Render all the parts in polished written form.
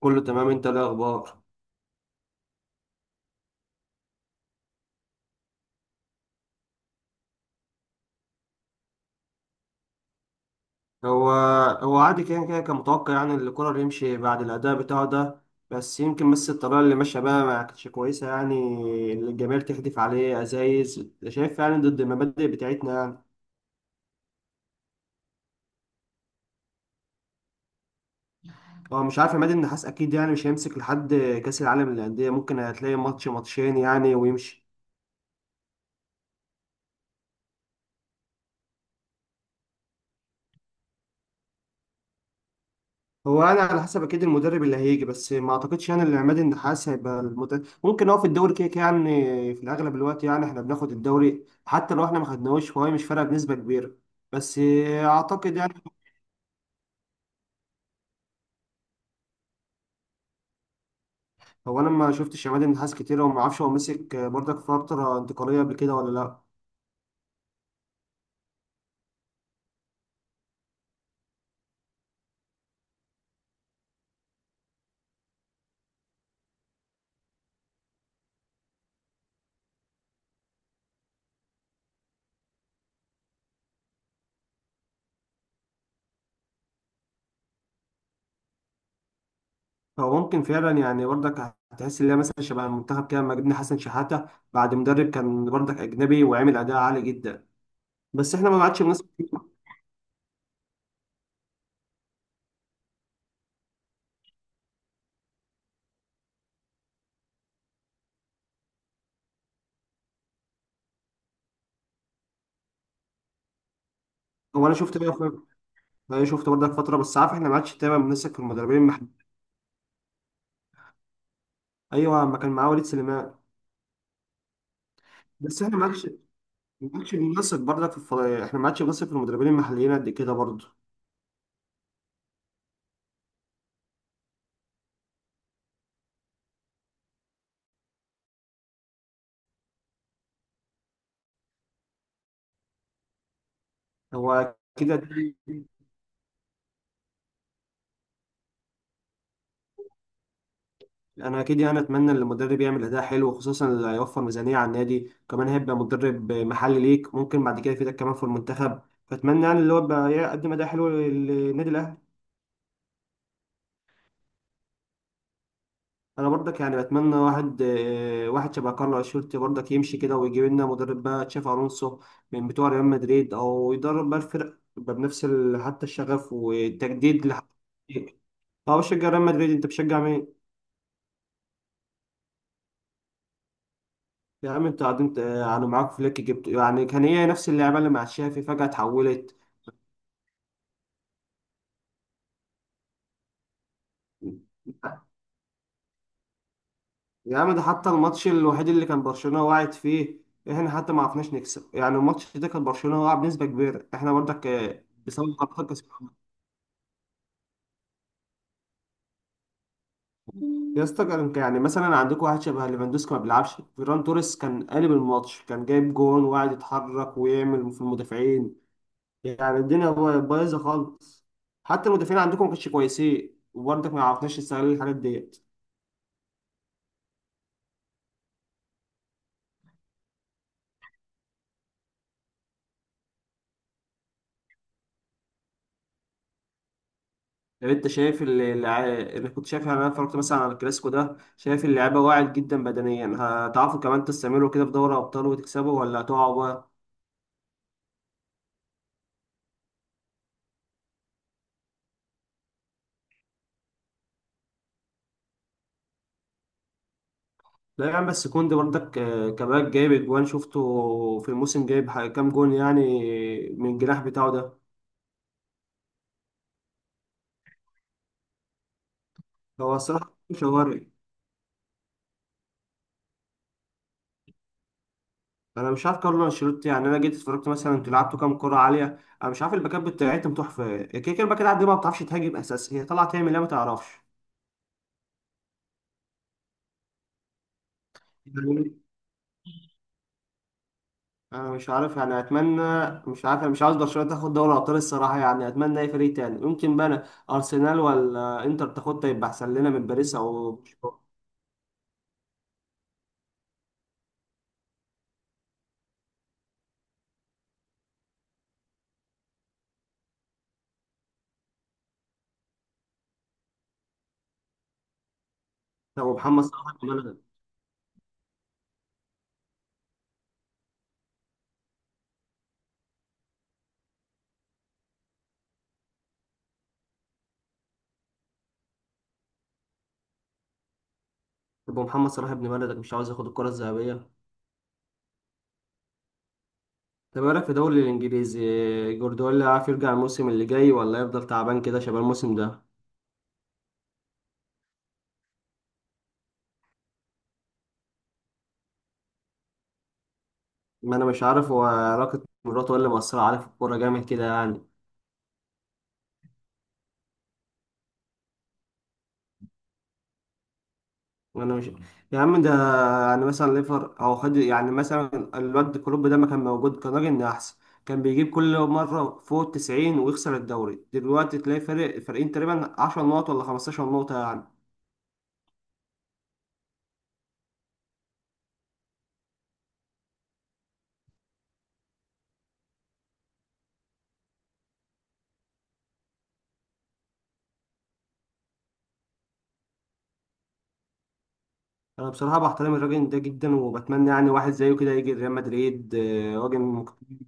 كله تمام، انت ايه الاخبار؟ هو هو عادي كده كده، كان متوقع يعني ان كولر يمشي بعد الاداء بتاعه ده. بس يمكن بس الطريقه اللي ماشيه بقى ما كانتش كويسه يعني، اللي الجماهير تحدف عليه ازايز، شايف؟ يعني ضد المبادئ بتاعتنا يعني. هو مش عارف، عماد النحاس اكيد يعني مش هيمسك لحد كاس العالم للانديه، ممكن هتلاقي ماتش ماتشين يعني ويمشي. هو انا على حسب اكيد المدرب اللي هيجي، بس ما اعتقدش يعني ان عماد النحاس هيبقى المدرب، ممكن هو في الدوري كده كده يعني. في الاغلب الوقت يعني احنا بناخد الدوري، حتى لو احنا ما خدناهوش فهو مش فارقه بنسبه كبيره. بس اعتقد يعني. هو انا ما شفتش عماد النحاس كتير، وما اعرفش هو مسك برضك فتره انتقاليه قبل كده ولا لا. فهو ممكن فعلا يعني برضك هتحس ان هي مثلا شبه المنتخب كده لما جبنا حسن شحاته بعد مدرب كان برضك اجنبي وعمل اداء عالي جدا، بس احنا ما عادش بنسبه. هو انا شفت، ده شفته برضك فترة بس عارف احنا ما عادش دايما بنثق في المدربين، ما احنا- ايوه ما كان معاه وليد سليمان. بس احنا ما عادش، ما عادش بنثق برضك احنا ما عادش بنثق في المدربين المحليين قد كده برضه. هو كده، انا اكيد يعني اتمنى ان المدرب يعمل اداء حلو، خصوصا اللي هيوفر ميزانية على النادي، كمان هيبقى مدرب محلي ليك ممكن بعد كده يفيدك كمان في المنتخب، فاتمنى يعني اللي هو يبقى يقدم اداء حلو للنادي الاهلي. انا برضك يعني بتمنى واحد، واحد شبه كارلو انشيلوتي برضك يمشي كده ويجيب لنا مدرب بقى تشافي الونسو من بتوع ريال مدريد، او يدرب بقى الفرق يبقى بنفس حتى الشغف والتجديد اه بشجع ريال مدريد، انت بتشجع مين؟ يا عم انت قاعدين يعني معاك فليك، جبت يعني كان هي نفس اللعبه اللي مع تشافي فجاه اتحولت. يا عم ده حتى الماتش الوحيد اللي كان برشلونه واعد فيه، احنا حتى ما عرفناش نكسب يعني. الماتش ده كان برشلونه واقع بنسبه كبيره، احنا برضك بسبب غلطات كسبنا. يا اسطى كان يعني مثلا عندكم واحد شبه ليفاندوسكي ما بيلعبش، فيران توريس كان قالب الماتش، كان جايب جون وقاعد يتحرك ويعمل في المدافعين، يعني الدنيا بايظه خالص، حتى المدافعين عندكم ما كانش كويسين، وبرضك ما عرفناش نستغل الحاجات ديت. لو انت شايف انا كنت شايف يعني، انا اتفرجت مثلا على الكلاسيكو ده، شايف اللعيبه واعد جدا بدنيا، هتعرفوا كمان تستمروا كده في دوري ابطال وتكسبوا ولا هتقعوا بقى؟ لا يا عم بس كوندي برضك، كمان جايب اجوان، شفته في الموسم جايب كام جون يعني من الجناح بتاعه ده. هو الصراحه مش هواري. انا مش عارف كارلو انشيلوتي يعني، انا جيت اتفرجت مثلا، انتوا لعبتوا كام كره عاليه، انا مش عارف الباكات بتاعتهم تحفه، كده كده الباكات عندي ما بتعرفش تهاجم، اساس هي طالعه تعمل ايه ما تعرفش. يعني انا مش عارف يعني اتمنى، مش عارف، انا مش عاوز برشلونه تاخد دوري ابطال الصراحه، يعني اتمنى اي فريق تاني يمكن بقى، أنا ارسنال ولا انتر تاخدها يبقى احسن لنا من باريس، او او محمد صلاح. يبقى محمد صلاح ابن بلدك مش عاوز ياخد الكرة الذهبية؟ طب ايه رأيك في الدوري الانجليزي، جوارديولا عارف يرجع الموسم اللي جاي ولا يفضل تعبان كده شباب الموسم ده؟ ما انا مش عارف هو علاقة مراته ولا مأثرة عليه في الكورة جامد كده يعني. انا مش، يا عم ده يعني مثلا ليفر او خد يعني مثلا الواد كلوب ده، ما كان موجود كان راجل إن احسن، كان بيجيب كل مرة فوق ال90 ويخسر الدوري، دلوقتي تلاقي فرق فرقين تقريبا 10 نقط ولا 15 نقطة يعني. انا بصراحه بحترم الراجل ده جدا، وبتمنى يعني واحد زيه كده يجي ريال مدريد، آه، راجل مجتهد.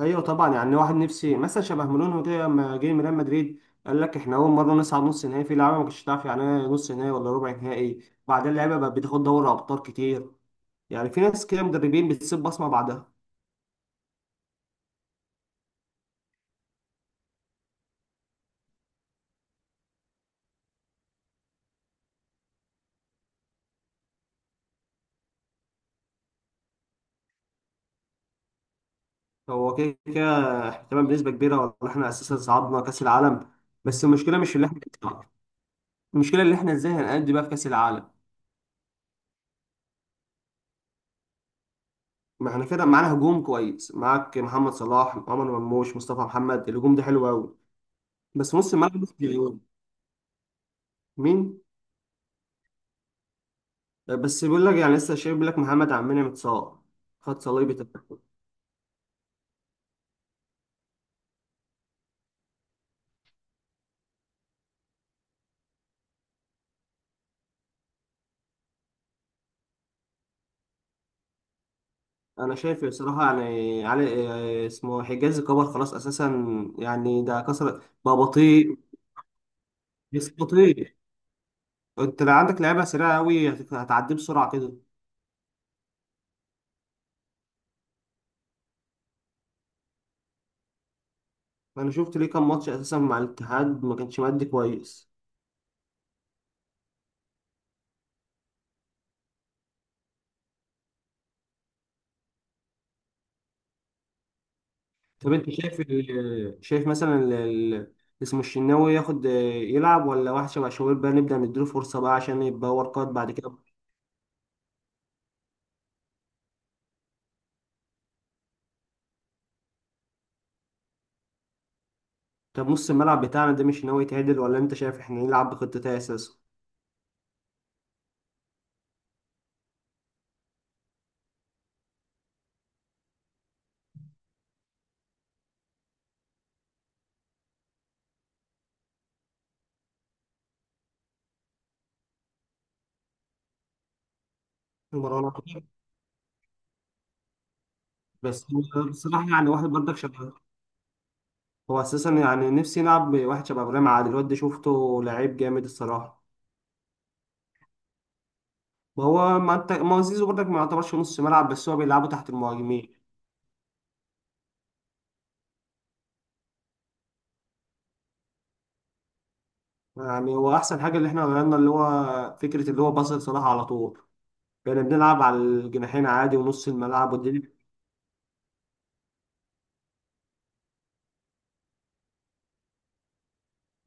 ايوه طبعا، يعني واحد نفسي مثلا شبه مورينيو كده لما جه من ريال مدريد، قال لك احنا اول مره نصعد نص نهائي، في لعيبه ما كانتش تعرف يعني ايه نص نهائي ولا ربع نهائي، وبعدين اللعيبه بقت بتاخد دوري ابطال كتير، يعني في ناس كده مدربين بتسيب بصمه بعدها. هو كده كده احنا تمام بنسبه كبيره، ولا احنا اساسا صعدنا كاس العالم، بس المشكله مش اللي احنا، المشكله اللي احنا ازاي هنأدي بقى في كاس العالم. ما احنا كده معانا هجوم كويس، معاك محمد صلاح، عمر مرموش، مصطفى محمد، الهجوم ده حلو قوي، بس نص الملعب مش مليون. مين؟ بس بيقول لك يعني لسه شايف، بيقول لك محمد عمنا متصاب، خد صليبي تبقى. انا شايف بصراحه يعني علي، آه، اسمه حجاز كبر خلاص اساسا، يعني ده كسر، بقى بطيء، بس بطيء. انت لو عندك لعيبه سريعه قوي هتعدي بسرعه كده. انا شفت ليه كام ماتش اساسا مع الاتحاد ما كانش مادي كويس. طب انت شايف شايف مثلا اسمه الشناوي ياخد يلعب، ولا واحد شبه شوبير بقى نبدأ نديله فرصة بقى عشان يبقى ورقات بعد كده؟ طب نص الملعب بتاعنا ده مش ناوي يتعدل، ولا انت شايف احنا نلعب بخطتين اساسا؟ مروان عطية. بس هو بصراحة يعني واحد برضك شبه، هو اساسا يعني نفسي نلعب بواحد شبه ابراهيم عادل، الواد ده شفته لعيب جامد الصراحة. وهو ما انت ما هو زيزو برضك ما يعتبرش نص ملعب، بس هو بيلعبه تحت المهاجمين. يعني هو احسن حاجة اللي احنا غيرنا اللي هو فكرة اللي هو باص لصلاح على طول، كنا بنلعب على الجناحين عادي ونص الملعب والدنيا.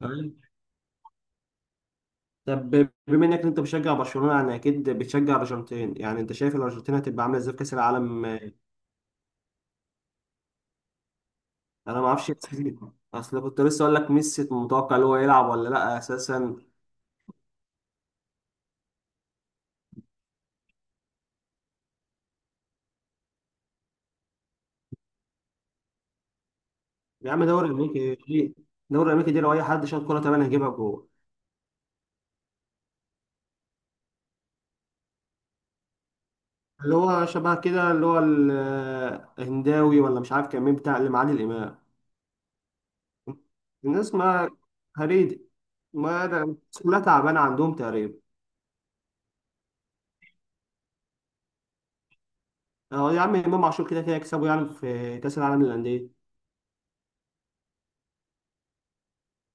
تمام، طب بما انك انت بتشجع برشلونه يعني اكيد بتشجع الارجنتين يعني، انت شايف الارجنتين هتبقى عامله ازاي في كاس العالم؟ انا ما اعرفش اصل كنت لسه اقول لك ميسي متوقع اللي هو يلعب ولا لا اساسا. يا عم دوري امريكي دوري امريكي دي لو اي حد شاط كوره تمام هيجيبها جوه. اللي هو شبه كده، اللي هو الهنداوي، ولا مش عارف كان مين بتاع اللي معادي الامام، الناس ما، هريدي، ما كلها تعبانه عندهم تقريبا. اه يا عم امام عاشور كده كده يكسبه يعني في كاس العالم للانديه.